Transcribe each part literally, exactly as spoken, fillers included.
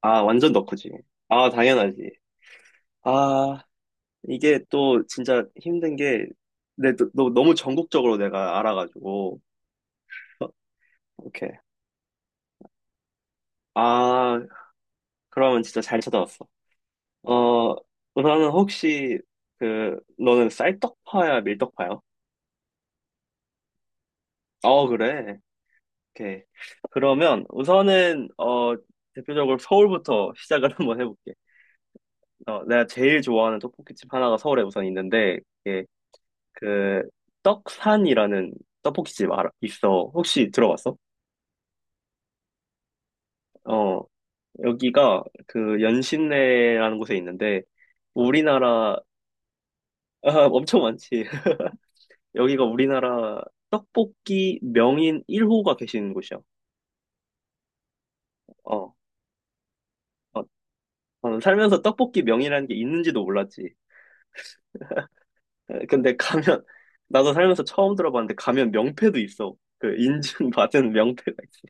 아, 완전 덕후지. 아, 당연하지. 아, 이게 또 진짜 힘든 게, 내, 너, 너- 너무 전국적으로 내가 알아가지고. 어, 오케이. 아, 그러면 진짜 잘 찾아왔어. 어, 우선은 혹시, 그, 너는 쌀떡파야, 밀떡파야? 어, 그래. 오케이. 그러면 우선은, 어, 대표적으로 서울부터 시작을 한번 해볼게. 어, 내가 제일 좋아하는 떡볶이집 하나가 서울에 우선 있는데, 그 떡산이라는 떡볶이집 알아, 있어. 혹시 들어봤어? 어, 여기가 그 연신내라는 곳에 있는데 우리나라 아, 엄청 많지. 여기가 우리나라 떡볶이 명인 일 호가 계시는 곳이야. 어, 어, 어, 살면서 떡볶이 명이라는 게 있는지도 몰랐지. 에, 근데 가면 나도 살면서 처음 들어봤는데 가면 명패도 있어. 그 인증받은 명패가 있어.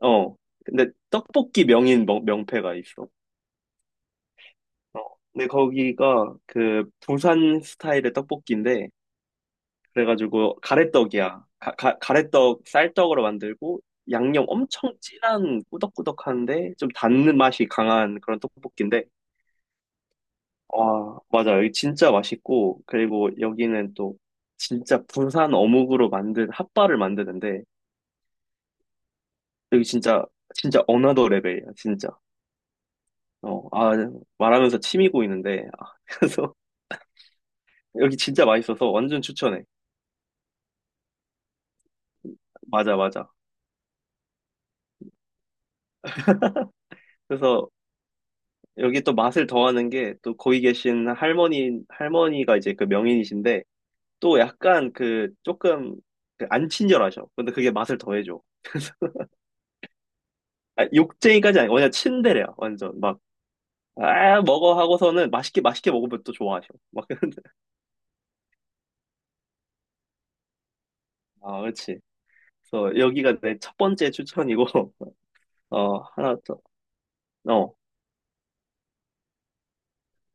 어, 근데 떡볶이 명인 명, 명패가 있어. 어, 근데 거기가 그 부산 스타일의 떡볶이인데 그래가지고 가래떡이야. 가, 가, 가래떡 쌀떡으로 만들고 양념 엄청 진한 꾸덕꾸덕한데 좀 닿는 맛이 강한 그런 떡볶이인데 와 맞아 여기 진짜 맛있고 그리고 여기는 또 진짜 부산 어묵으로 만든 핫바를 만드는데 여기 진짜 진짜 어나더 레벨이야 진짜 어 아 말하면서 침이 고이는데 그래서 여기 진짜 맛있어서 완전 추천해 맞아 맞아 그래서 여기 또 맛을 더하는 게 또 거기 계신 할머니, 할머니가 이제 그 명인이신데 또 약간 그 조금 그안 친절하셔. 근데 그게 맛을 더해줘. 아, 욕쟁이까지 아니고 그냥 친데레야. 완전 막, 아, 먹어 하고서는 맛있게 맛있게 먹으면 또 좋아하셔. 막, 아, 그렇지. 그래서 여기가 내 첫 번째 추천이고, 어, 하나 더, 어.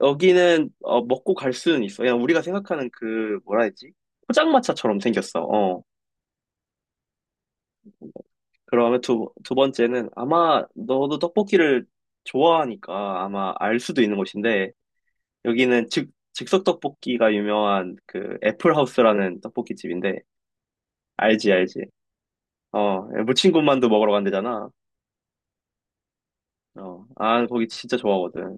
여기는 어, 먹고 갈 수는 있어. 그냥 우리가 생각하는 그 뭐라 해야 되지? 포장마차처럼 생겼어. 어. 그러면 두, 두 번째는 아마 너도 떡볶이를 좋아하니까 아마 알 수도 있는 곳인데 여기는 즉석 떡볶이가 유명한 그 애플하우스라는 떡볶이 집인데 알지 알지 어 무친군만두 먹으러 간대잖아 어 아 거기 진짜 좋아하거든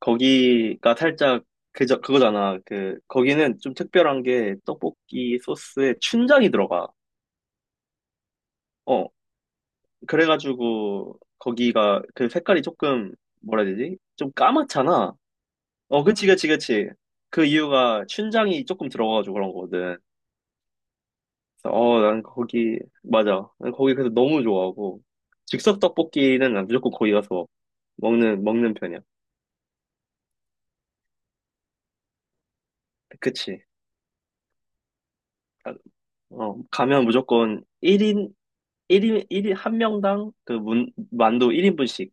거기가 살짝 그저 그거잖아 그 거기는 좀 특별한 게 떡볶이 소스에 춘장이 들어가 어 그래가지고 거기가 그 색깔이 조금 뭐라 해야 되지 좀 까맣잖아 어, 그치, 그치, 그치. 그 이유가 춘장이 조금 들어가가지고 그런 거거든. 그래서 어, 난 거기, 맞아. 난 거기 그래서 너무 좋아하고. 즉석 떡볶이는 난 무조건 거기 가서 먹는, 먹는 편이야. 그치. 아, 어, 가면 무조건 일 인, 일인 일인 한 명당 그 문, 만두 일 인분씩.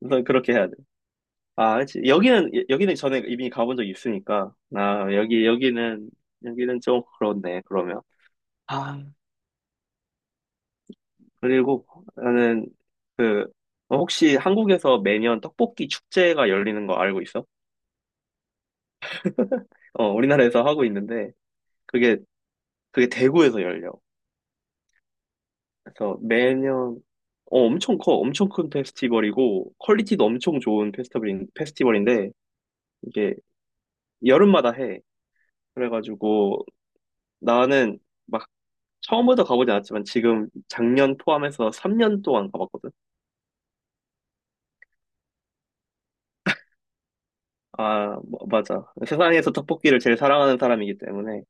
우선 그렇게 해야 돼. 아, 그치. 여기는, 여- 여기는 전에 이미 가본 적이 있으니까. 아, 여기, 여기는, 여기는 좀 그렇네, 그러면. 아, 그리고 나는 그 어, 혹시 한국에서 매년 떡볶이 축제가 열리는 거 알고 있어? 어, 우리나라에서 하고 있는데 그게 그게 대구에서 열려. 그래서 매년 어, 엄청 커, 엄청 큰 페스티벌이고 퀄리티도 엄청 좋은 페스티벌인 페스티벌인데 이게 여름마다 해. 그래가지고 나는 막 처음부터 가보지 않았지만 지금 작년 포함해서 삼 년 동안 가봤거든. 아, 뭐, 맞아. 세상에서 떡볶이를 제일 사랑하는 사람이기 때문에.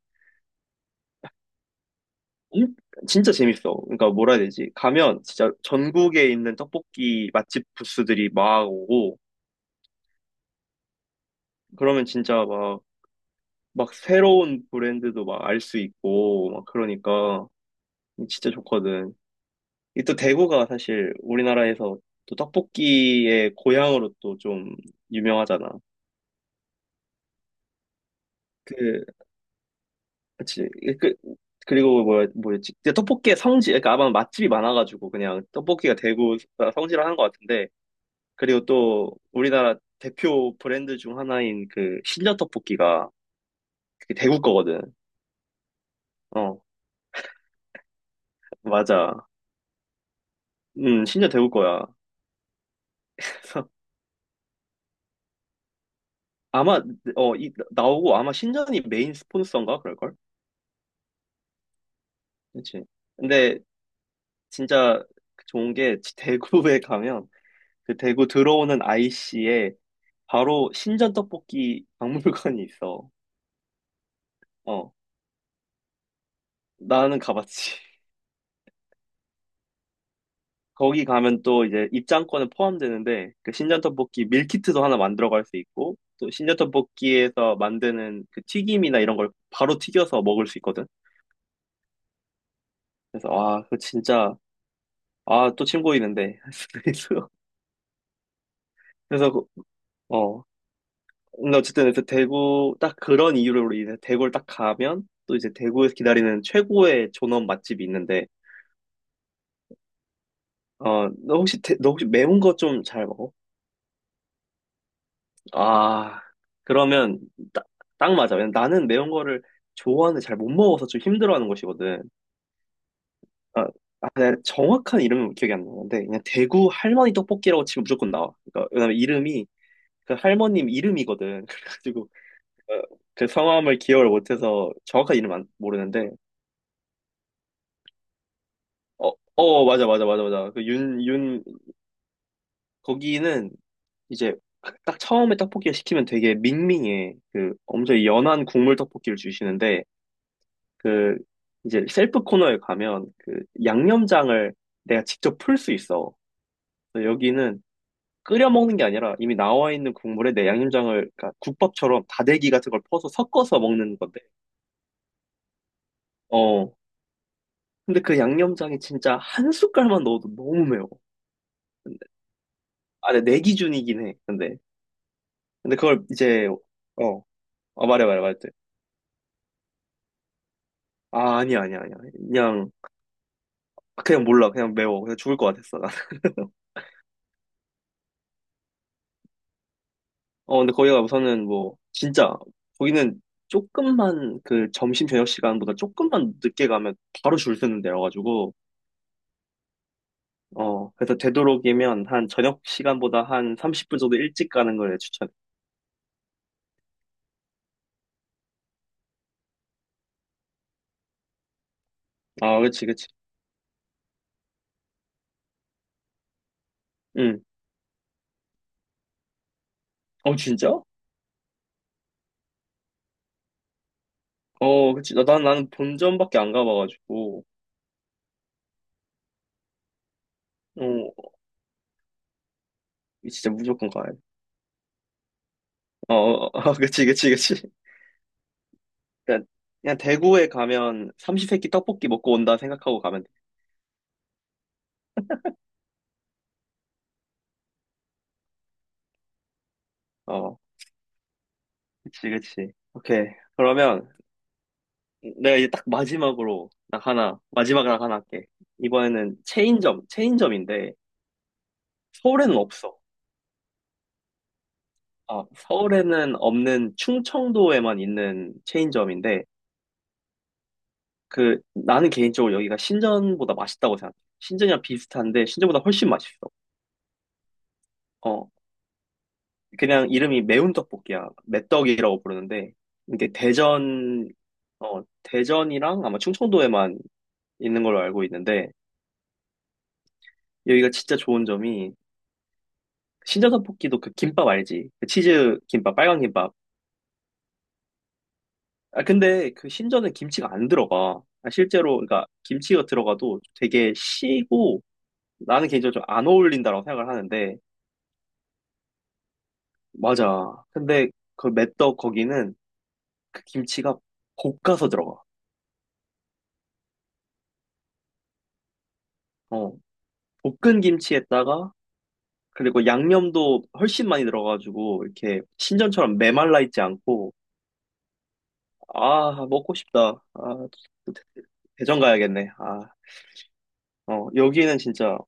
일- 진짜 재밌어. 그러니까 뭐라 해야 되지? 가면 진짜 전국에 있는 떡볶이 맛집 부스들이 막 오고, 그러면 진짜 막, 막 새로운 브랜드도 막 알 수 있고, 막 그러니까 진짜 좋거든. 이 또 대구가 사실 우리나라에서 또 떡볶이의 고향으로 또 좀 유명하잖아. 그, 그치. 그, 그리고 뭐야, 뭐였지? 근데 떡볶이의 성지, 그러니까 아마 맛집이 많아가지고 그냥 떡볶이가 대구 성지를 하는 것 같은데, 그리고 또 우리나라 대표 브랜드 중 하나인 그 신려 떡볶이가 그게 대구 거거든. 어, 맞아. 음, 신려 대구 거야. 그래서 아마 어, 이, 나오고 아마 신전이 메인 스폰서인가 그럴걸? 그렇지. 근데 진짜 좋은 게 대구에 가면 그 대구 들어오는 아이씨에 바로 신전 떡볶이 박물관이 있어. 어, 나는 가봤지. 거기 가면 또 이제 입장권은 포함되는데 그 신전 떡볶이 밀키트도 하나 만들어 갈 수 있고 또 신전 떡볶이에서 만드는 그 튀김이나 이런 걸 바로 튀겨서 먹을 수 있거든. 그래서 아, 그 진짜 아, 또 침 고이는데. 그래서 그래서 그- 어, 근데 어쨌든 그래서 대구 딱 그런 이유로 인해 대구를 딱 가면 또 이제 대구에서 기다리는 최고의 존엄 맛집이 있는데 어, 너 혹시 대- 너 혹시 매운 거 좀 잘 먹어? 아, 그러면 따- 딱 맞아. 왜냐면 나는 매운 거를 좋아하는데 잘 못 먹어서 좀 힘들어하는 것이거든. 아, 아, 내가 정확한 이름은 기억이 안 나는데 그냥 대구 할머니 떡볶이라고 치면 무조건 나와. 그러니까 왜냐면 이름이 그 할머님 이름이거든. 그래가지고 어, 그 성함을 기억을 못해서 정확한 이름 안 모르는데 어, 어 맞아 맞아 맞아 맞아. 그 윤, 윤 거기는 이제 딱 처음에 떡볶이를 시키면 되게 밍밍해. 그 엄청 연한 국물 떡볶이를 주시는데 그 이제 셀프 코너에 가면 그 양념장을 내가 직접 풀 수 있어. 그래서 여기는 끓여 먹는 게 아니라 이미 나와 있는 국물에 내 양념장을 그러니까 국밥처럼 다대기 같은 걸 퍼서 섞어서 먹는 건데. 어. 근데 그 양념장이 진짜 한 숟갈만 넣어도 너무 매워. 근데 아, 근데 내 기준이긴 해. 근데 근데 그걸 이제 어, 어 말해 말해 말해. 아, 아니야 아니야 아니야. 그냥 그냥 몰라. 그냥 매워. 그냥 죽을 것 같았어. 나. 어, 근데 거기가 우선은 뭐, 진짜, 거기는 조금만 그 점심 저녁 시간보다 조금만 늦게 가면 바로 줄 서는 데여가지고, 어, 그래서 되도록이면 한 저녁 시간보다 한 삼십 분 정도 일찍 가는 걸 추천해. 아, 그치, 그치. 응. 어, 진짜? 어, 그치. 나, 난, 나는 본점밖에 안 가봐가지고, 어, 진짜 무조건 가야 돼. 어, 어, 어, 그치, 그치, 그치. 그냥, 그냥 대구에 가면 삼시세끼 떡볶이 먹고 온다 생각하고 가면 돼. 어, 그치, 그치. 오케이. 그러면, 내가 이제 딱 마지막으로 딱 하나, 마지막으로 하나 할게. 이번에는 체인점, 체인점인데 서울에는 없어. 아, 서울에는 없는 충청도에만 있는 체인점인데 그 나는 개인적으로 여기가 신전보다 맛있다고 생각해. 신전이랑 비슷한데 신전보다 훨씬 맛있어. 어, 그냥 이름이 매운 떡볶이야. 매떡이라고 부르는데 이게 대전, 어, 대전이랑 아마 충청도에만 있는 걸로 알고 있는데 여기가 진짜 좋은 점이 신전 떡볶이도 그 김밥 알지? 그 치즈 김밥, 빨간 김밥. 아, 근데 그 신전에 김치가 안 들어가. 아, 실제로, 그러니까 김치가 들어가도 되게 시고 나는 개인적으로 좀 안 어울린다고 생각을 하는데, 맞아. 근데 그 메떡 거기는 그 김치가 볶아서 들어가. 어, 볶은 김치에다가 그리고 양념도 훨씬 많이 들어가가지고 이렇게 신전처럼 메말라 있지 않고 아 먹고 싶다. 아 또 대- 대전 가야겠네. 아, 어 여기는 진짜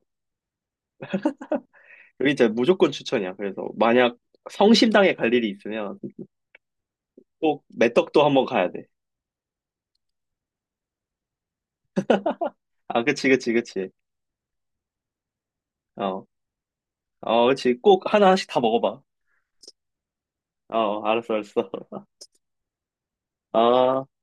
그게 진짜 무조건 추천이야. 그래서 만약 성심당에 갈 일이 있으면 꼭 메떡도 한번 가야 돼. 아, 그치, 그치, 그치. 어, 어, 그치. 꼭 하나씩 다 먹어봐. 어, 알았어, 알았어. 아.